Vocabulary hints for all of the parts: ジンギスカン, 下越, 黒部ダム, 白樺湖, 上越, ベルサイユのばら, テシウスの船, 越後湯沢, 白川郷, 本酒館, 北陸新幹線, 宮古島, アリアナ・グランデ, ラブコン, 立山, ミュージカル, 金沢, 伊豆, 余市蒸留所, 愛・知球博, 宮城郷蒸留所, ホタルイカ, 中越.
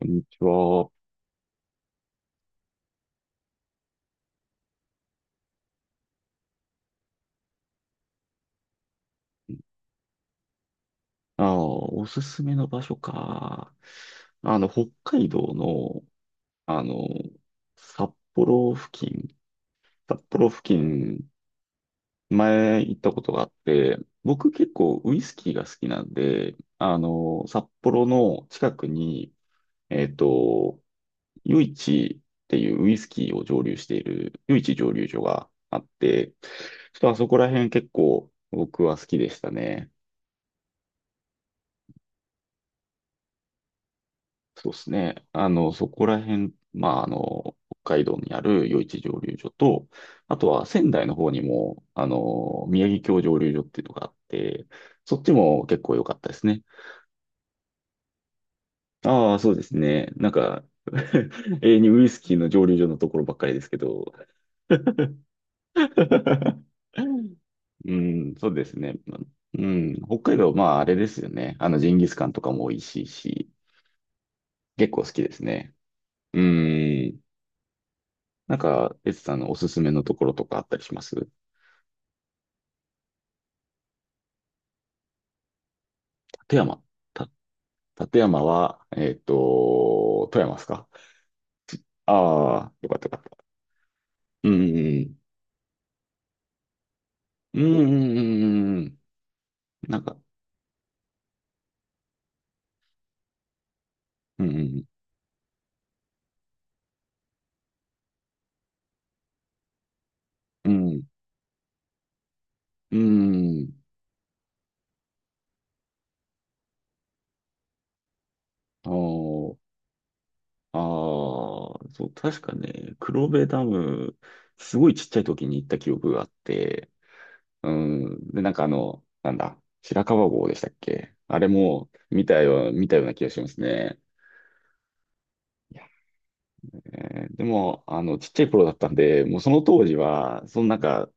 こんにちは。おすすめの場所か。北海道の、あの、札幌付近、札幌付近、前行ったことがあって、僕結構ウイスキーが好きなんで、札幌の近くに、えっと、余市っていうウイスキーを蒸留している、イ市蒸留所があって、ちょっとあそこら辺結構僕は好きでしたね。そうですね。そこら辺、まあ、北海道にある余市蒸留所と、あとは仙台の方にも、宮城郷蒸留所っていうのがあって、そっちも結構良かったですね。ああ、そうですね。なんか、永遠にウイスキーの蒸留所のところばっかりですけど。うん、そうですね。うん、北海道、まあ、あれですよね。ジンギスカンとかも美味しいし、結構好きですね。うん。なんか、エツさんのおすすめのところとかあったりします立山。た、立山は、富山ですか？ああー、よかったよかった。うんうんうん。うんうんうんうん。なんか、うんうんうん。うん。おー。ああ、そう、確かね、黒部ダム、すごいちっちゃい時に行った記憶があって、うん。で、なんかあの、白川郷でしたっけ？あれも見たような気がしますね。いや、でも、ちっちゃい頃だったんで、もうその当時は、そのなんか、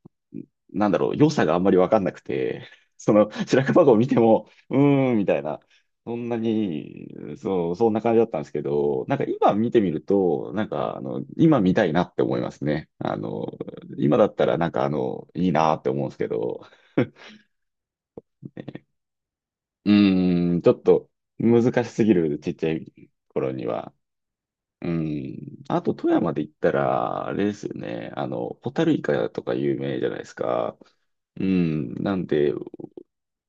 なんだろう、良さがあんまりわかんなくて、その白樺湖を見ても、うーん、みたいな、そんなに、そう、そんな感じだったんですけど、なんか今見てみると、なんか、今見たいなって思いますね。今だったらなんか、いいなって思うんですけど、うーん、ちょっと難しすぎる、ちっちゃい頃には。うん。あと、富山で言ったら、あれですよね。ホタルイカとか有名じゃないですか。うん。なんで、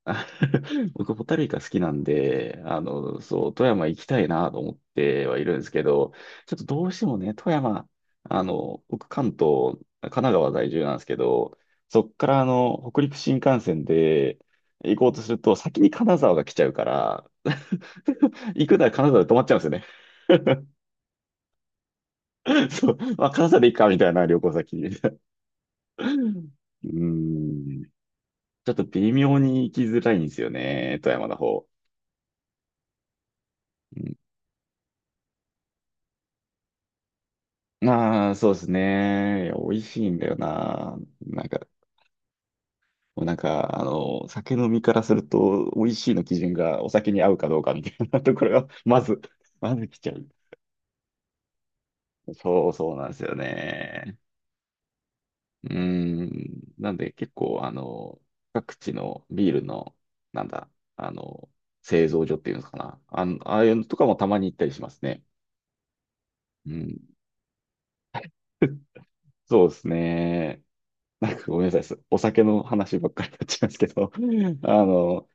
あ 僕、ホタルイカ好きなんで、そう、富山行きたいなと思ってはいるんですけど、ちょっとどうしてもね、富山、僕、関東、神奈川在住なんですけど、そっから、北陸新幹線で行こうとすると、先に金沢が来ちゃうから、行くなら金沢で止まっちゃうんですよね。そう、まあ、関西で行くかみたいな旅行先。ううーん。ちょっと微妙に行きづらいんですよね、富山の方。うん、ああ、そうですね。いや美味しいんだよな。なんか、もうなんか、酒飲みからすると、美味しいの基準がお酒に合うかどうかみたいなところが、まず、来ちゃう。そうそうなんですよね。うーん。なんで結構、各地のビールの、なんだ、あの、製造所っていうのかな。ああいうのとかもたまに行ったりしますね。うん。そうですね。なんかごめんなさいです。お酒の話ばっかりになっちゃいますけど、あの、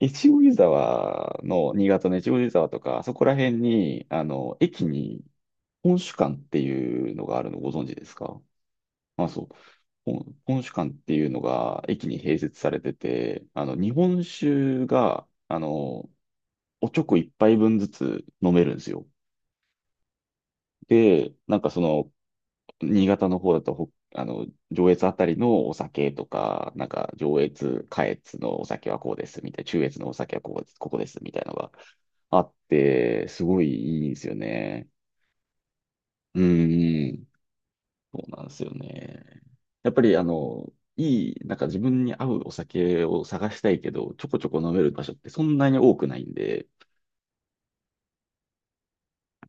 越後湯沢の、新潟の越後湯沢とか、あそこら辺に、駅に本酒館っていうのがあるのご存知ですか？まあ、そう。本酒館っていうのが駅に併設されてて、日本酒が、おちょこ一杯分ずつ飲めるんですよ。で、なんかその、新潟の方だと、上越あたりのお酒とか、なんか上越、下越のお酒はこうです、みたいな、中越のお酒はこうです、ここです、みたいなのがあって、すごいいいんですよね。うんうん。そうなんですよね。やっぱりあの、いい、なんか自分に合うお酒を探したいけど、ちょこちょこ飲める場所ってそんなに多くないんで、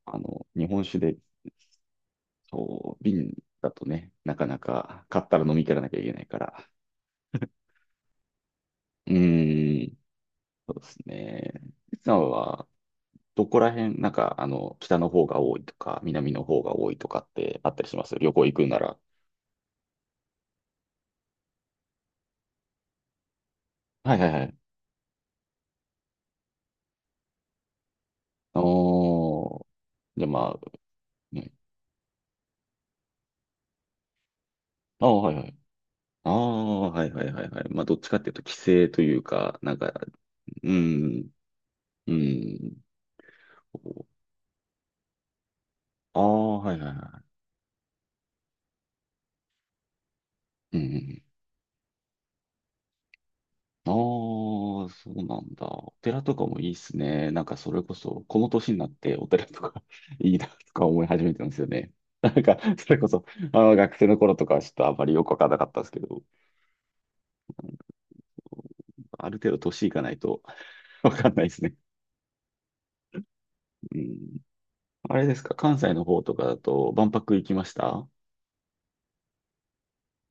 日本酒で、そう、瓶だとね、なかなか買ったら飲み切らなきゃいけないから。うーん、そうですね。いつさんは、どこら辺、なんか、北の方が多いとか、南の方が多いとかってあったりします？旅行行くなら。はいはいはい。おー。じゃあまあ、ね。あー、はいはい。ああ、はいはいはいはい。まあ、どっちかっていうと、規制というか、なんか、うん、うん。ああ、はいはいはい。うん。ああ、そうなんだ。お寺とかもいいっすね。なんか、それこそ、この年になってお寺とか いいなとか思い始めてますよね。なんか、それこそ、学生の頃とかはちょっとあんまりよくわからなかったんですけど、ある程度年いかないと わかんないですね。うん。あれですか、関西の方とかだと、万博行きました？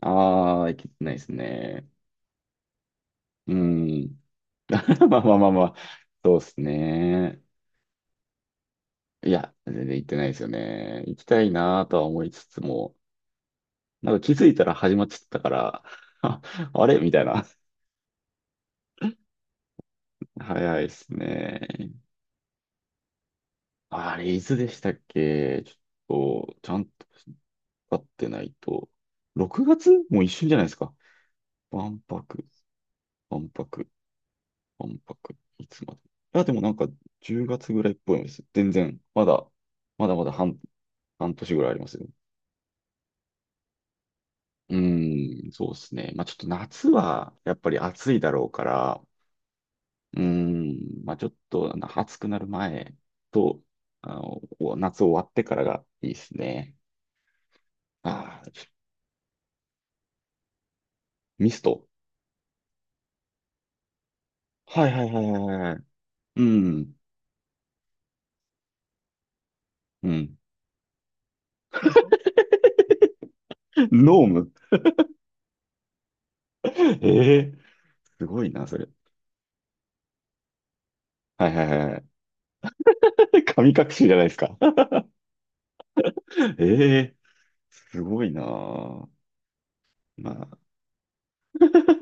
ああー、行けてないですね。うん。まあまあまあまあ、そうですね。いや、全然行ってないですよね。行きたいなとは思いつつも、なんか気づいたら始まっちゃったから、あ、あれみたいな。早いですね。あれ、いつでしたっけ？ちょっと、ちゃんと分かってないと。6月もう一瞬じゃないですか。万博、万博、万博。いつまで。いや、でもなんか10月ぐらいっぽいです。全然、まだ、まだまだ半、半年ぐらいありますよ。うん、そうですね。まあちょっと夏はやっぱり暑いだろうから、うん、まあちょっとあの暑くなる前と、お夏終わってからがいいですね。ああ、ミスト。はいはいはいはいはい。うん、うん。ノーム。ええ、すごいな、それ。はいはいはい。神隠しじゃないですか。ええ、すごいな。まあ、い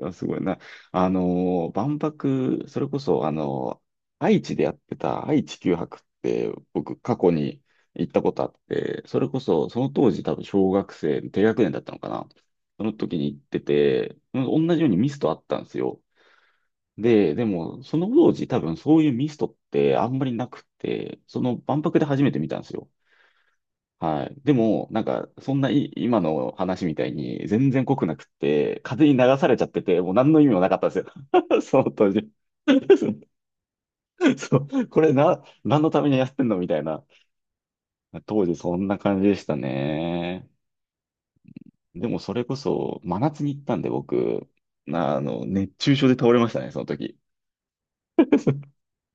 や、すごいな。万博、それこそ、愛知でやってた愛・知球博って、僕、過去に行ったことあって、それこそ、その当時多分小学生、低学年だったのかな。その時に行ってて、うん、同じようにミストあったんですよ。で、その当時多分そういうミストってあんまりなくて、その万博で初めて見たんですよ。はい。でも、なんか、そんない今の話みたいに、全然濃くなくって、風に流されちゃってて、もう何の意味もなかったんですよ。その当時。そう、これな、何のためにやってんのみたいな。当時そんな感じでしたね。でもそれこそ、真夏に行ったんで僕、熱中症で倒れましたね、その時。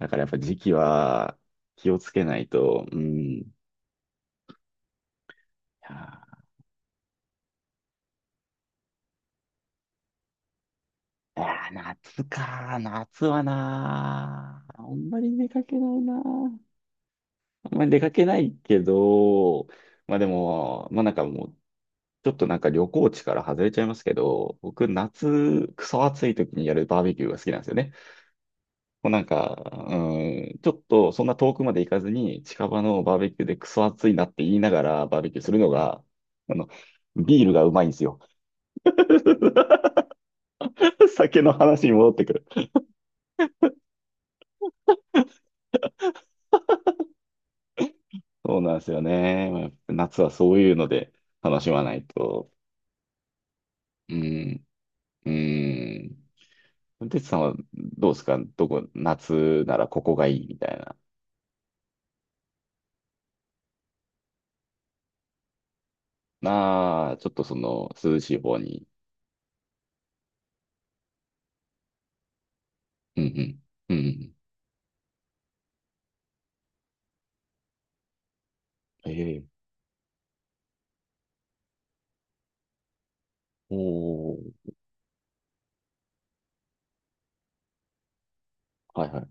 だからやっぱ時期は気をつけないと、うん。いやー、いやー、夏か。夏はなー。あんまり出かけないなー。あんまり出かけないけど、まあでも、まあなんかもう、ちょっとなんか旅行地から外れちゃいますけど、僕夏、クソ暑い時にやるバーベキューが好きなんですよね。もうなんか、うん、ちょっとそんな遠くまで行かずに、近場のバーベキューでクソ暑いなって言いながらバーベキューするのが、あの、ビールがうまいんですよ。酒の話に戻ってくる。そうなんですよね。まあやっぱ夏はそういうので楽しまないと。うん、うん。てつさんはどうですか？どこ、夏ならここがいいみたいな。なあ、ちょっとその涼しい方に。うんうん。うんうん。ええ、おー。はいは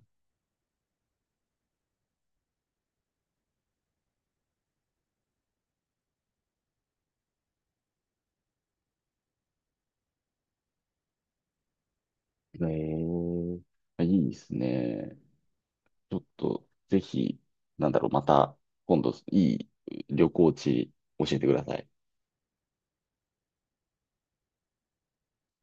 い。ええ、いいですね。ちょっと、ぜひ、なんだろう、また、今度、いい旅行地教えてください。